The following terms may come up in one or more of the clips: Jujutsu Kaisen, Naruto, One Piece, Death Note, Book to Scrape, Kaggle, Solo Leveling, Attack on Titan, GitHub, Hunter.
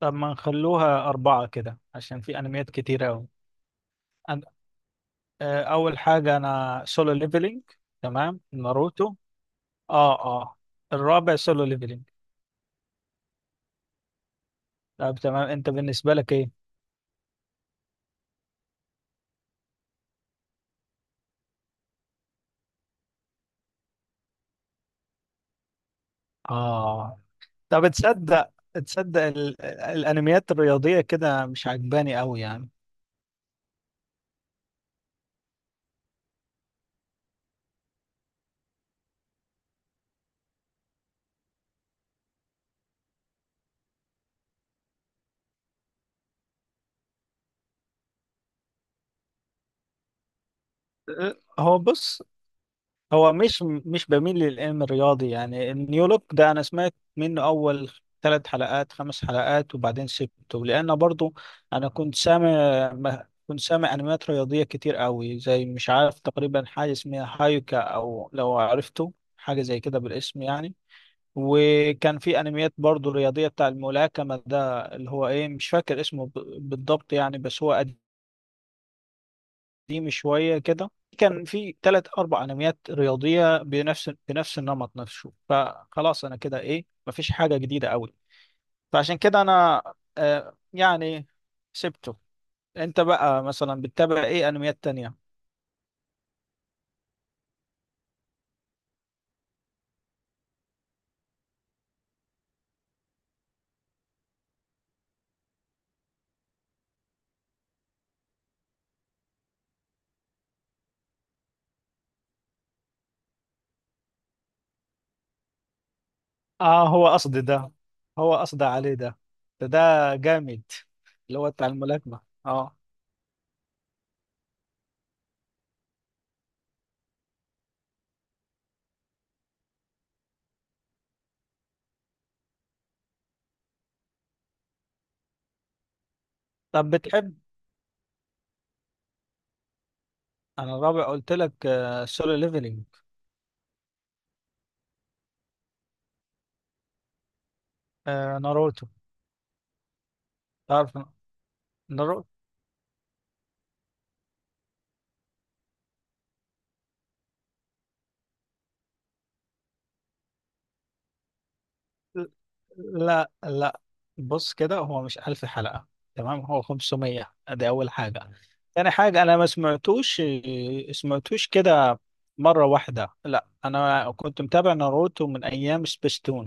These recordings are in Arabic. طب ما نخلوها أربعة كده عشان في أنميات كتير أوي. أنا أول حاجة أنا سولو ليفلينج. تمام ناروتو. آه آه. الرابع سولو ليفلينج. طب تمام، أنت بالنسبة لك إيه؟ آه. طب تصدق، تصدق الأنميات الرياضية كده مش عجباني أوي يعني. أه، هو بص، هو مش بميل للعلم الرياضي يعني النيولوج ده، انا سمعت منه اول ثلاث حلقات خمس حلقات وبعدين سبته لان برضو انا كنت سامع. كنت سامع انميات رياضيه كتير قوي زي مش عارف تقريبا حاجه اسمها هايوكا او لو عرفته حاجه زي كده بالاسم يعني. وكان في انميات برضو رياضيه بتاع الملاكمه ده اللي هو ايه، مش فاكر اسمه بالضبط يعني، بس هو قديم شوية كده. كان في ثلاث أربع أنميات رياضية بنفس بنفس النمط نفسه، فخلاص أنا كده إيه، مفيش حاجة جديدة أوي. فعشان كده أنا آه يعني سبته. أنت بقى مثلا بتتابع إيه أنميات تانية؟ آه هو قصدي ده، هو قصدي عليه ده. ده جامد، اللي هو بتاع الملاكمة آه. طب بتحب. أنا الرابع قلت لك سولو ليفلينج. آه Solo Leveling. ناروتو. تعرف ناروتو. لا لا، بص كده هو مش 1000 حلقة، تمام؟ هو 500، دي أول حاجة. تاني حاجة أنا ما سمعتوش، سمعتوش كده مرة واحدة، لا. أنا كنت متابع ناروتو من أيام سبيستون،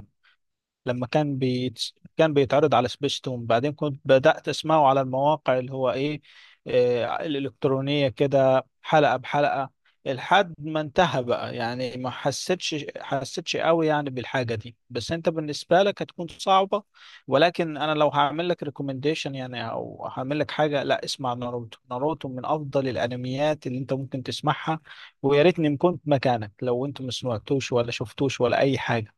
لما كان كان بيتعرض على سبيستون، بعدين كنت بدأت أسمعه على المواقع اللي هو إيه، الإلكترونية كده حلقة بحلقة لحد ما انتهى بقى. يعني ما حسيتش، حسيتش قوي يعني بالحاجة دي، بس انت بالنسبة لك هتكون صعبة. ولكن انا لو هعمل لك ريكومنديشن يعني او هعمل لك حاجة، لا، اسمع ناروتو. ناروتو من افضل الانميات اللي انت ممكن تسمعها، ويا ريتني ما كنت مكانك لو انت ما سمعتوش ولا شفتوش ولا اي حاجة.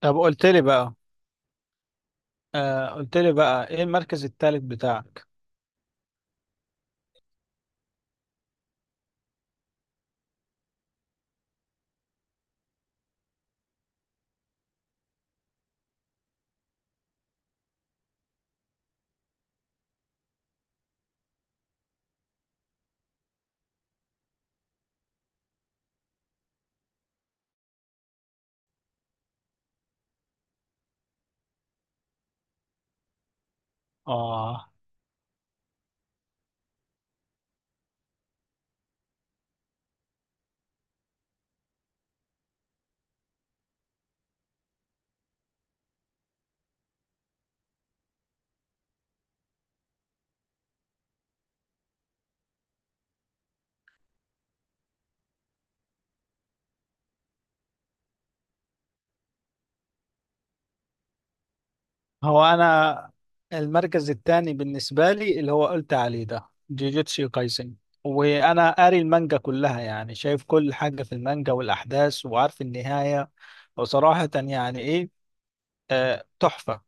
طب قلت لي بقى، آه قلت لي بقى ايه المركز الثالث بتاعك؟ اه. هو انا المركز الثاني بالنسبه لي اللي هو قلت عليه ده، جيجيتسو كايسن. وانا قاري المانجا كلها، يعني شايف كل حاجه في المانجا والاحداث، وعارف النهايه. وصراحه يعني ايه، آه تحفه.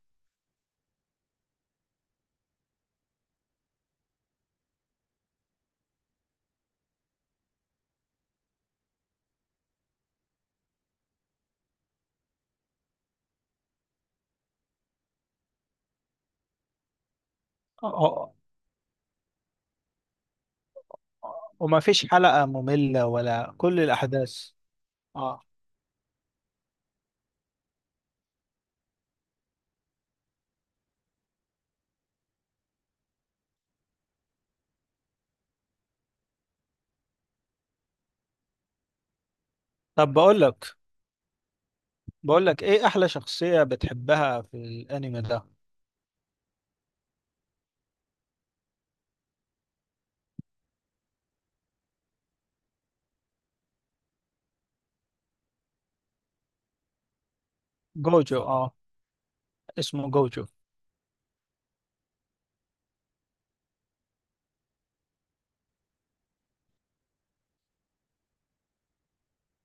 آه، وما فيش حلقه ممله ولا كل الاحداث. اه. طب بقول لك، بقول لك ايه احلى شخصيه بتحبها في الانمي ده؟ جوجو، اه. اسمه جوجو.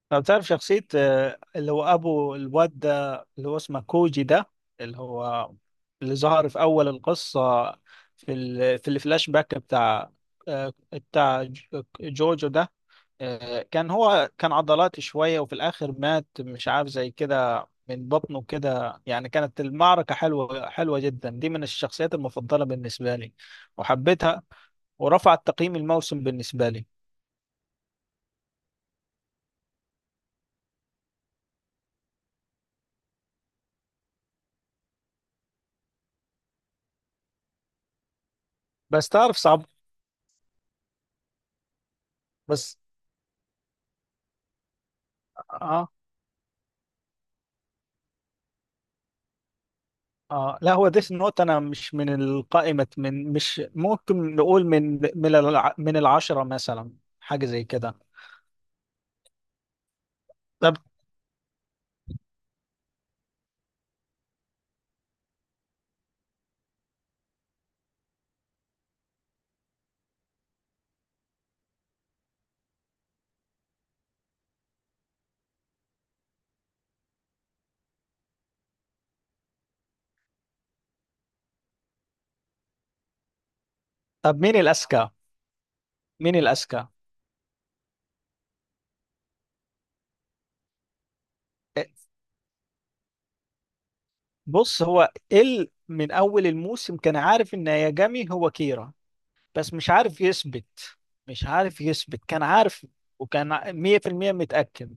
طب تعرف شخصية اللي هو أبو الواد ده اللي هو اسمه كوجي ده، اللي هو اللي ظهر في أول القصة، في في الفلاش باك بتاع، بتاع جوجو ده، كان هو كان عضلاتي شوية وفي الآخر مات، مش عارف زي كده من بطنه كده يعني. كانت المعركة حلوة، حلوة جدا. دي من الشخصيات المفضلة بالنسبة لي، وحبيتها، ورفعت تقييم الموسم بالنسبة لي. بس تعرف صعب، بس اه اه. لا هو ديث نوت، انا مش من القائمة، من مش ممكن نقول من من العشرة مثلا حاجة زي كده. طب. طب مين الأذكى؟ مين الأذكى؟ إيه، بص هو ال من اول الموسم كان عارف ان ياجامي هو كيرا، بس مش عارف يثبت، مش عارف يثبت. كان عارف وكان 100% متأكد،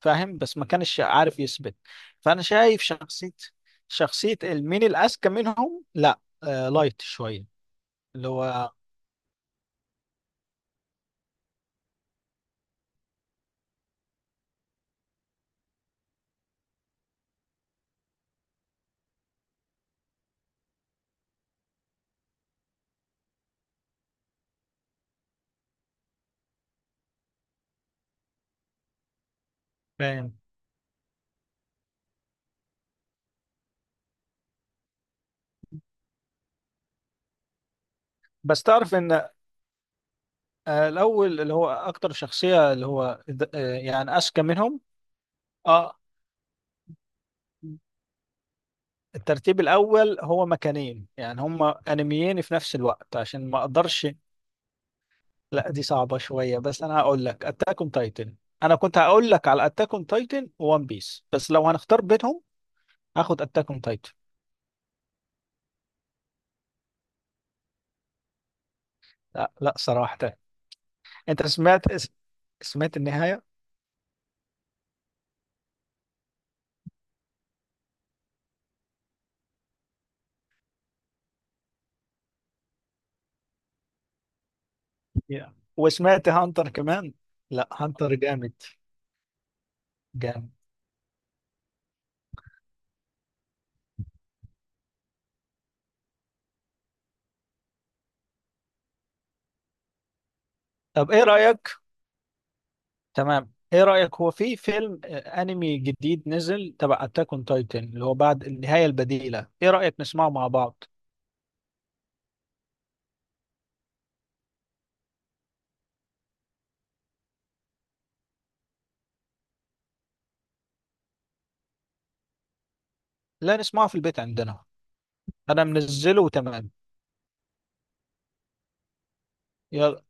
فاهم، بس ما كانش عارف يثبت. فانا شايف شخصية، شخصية مين الأذكى منهم، لا آه لايت شوية اللي هو. فاهم. بس تعرف ان الاول اللي هو اكتر شخصية اللي هو يعني اذكى منهم. اه. الترتيب الاول هو مكانين، يعني هما انميين في نفس الوقت عشان ما اقدرش. لا دي صعبة شوية، بس انا هقول لك اتاك اون تايتن. انا كنت هقول لك على اتاك اون تايتن وون بيس، بس لو هنختار بينهم هاخد اتاك اون تايتن. لا لا صراحة. انت سمعت سمعت النهاية؟ يا. وسمعت هانتر كمان. لا هانتر جامد، جامد. طب ايه رأيك. تمام، ايه رأيك، هو في فيلم انمي جديد نزل تبع اتاك اون تايتن اللي هو بعد النهاية البديلة، ايه رأيك نسمعه مع بعض؟ لا، نسمعه في البيت عندنا. انا منزله وتمام. يلا.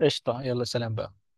قشطة، يلا سلام بقى.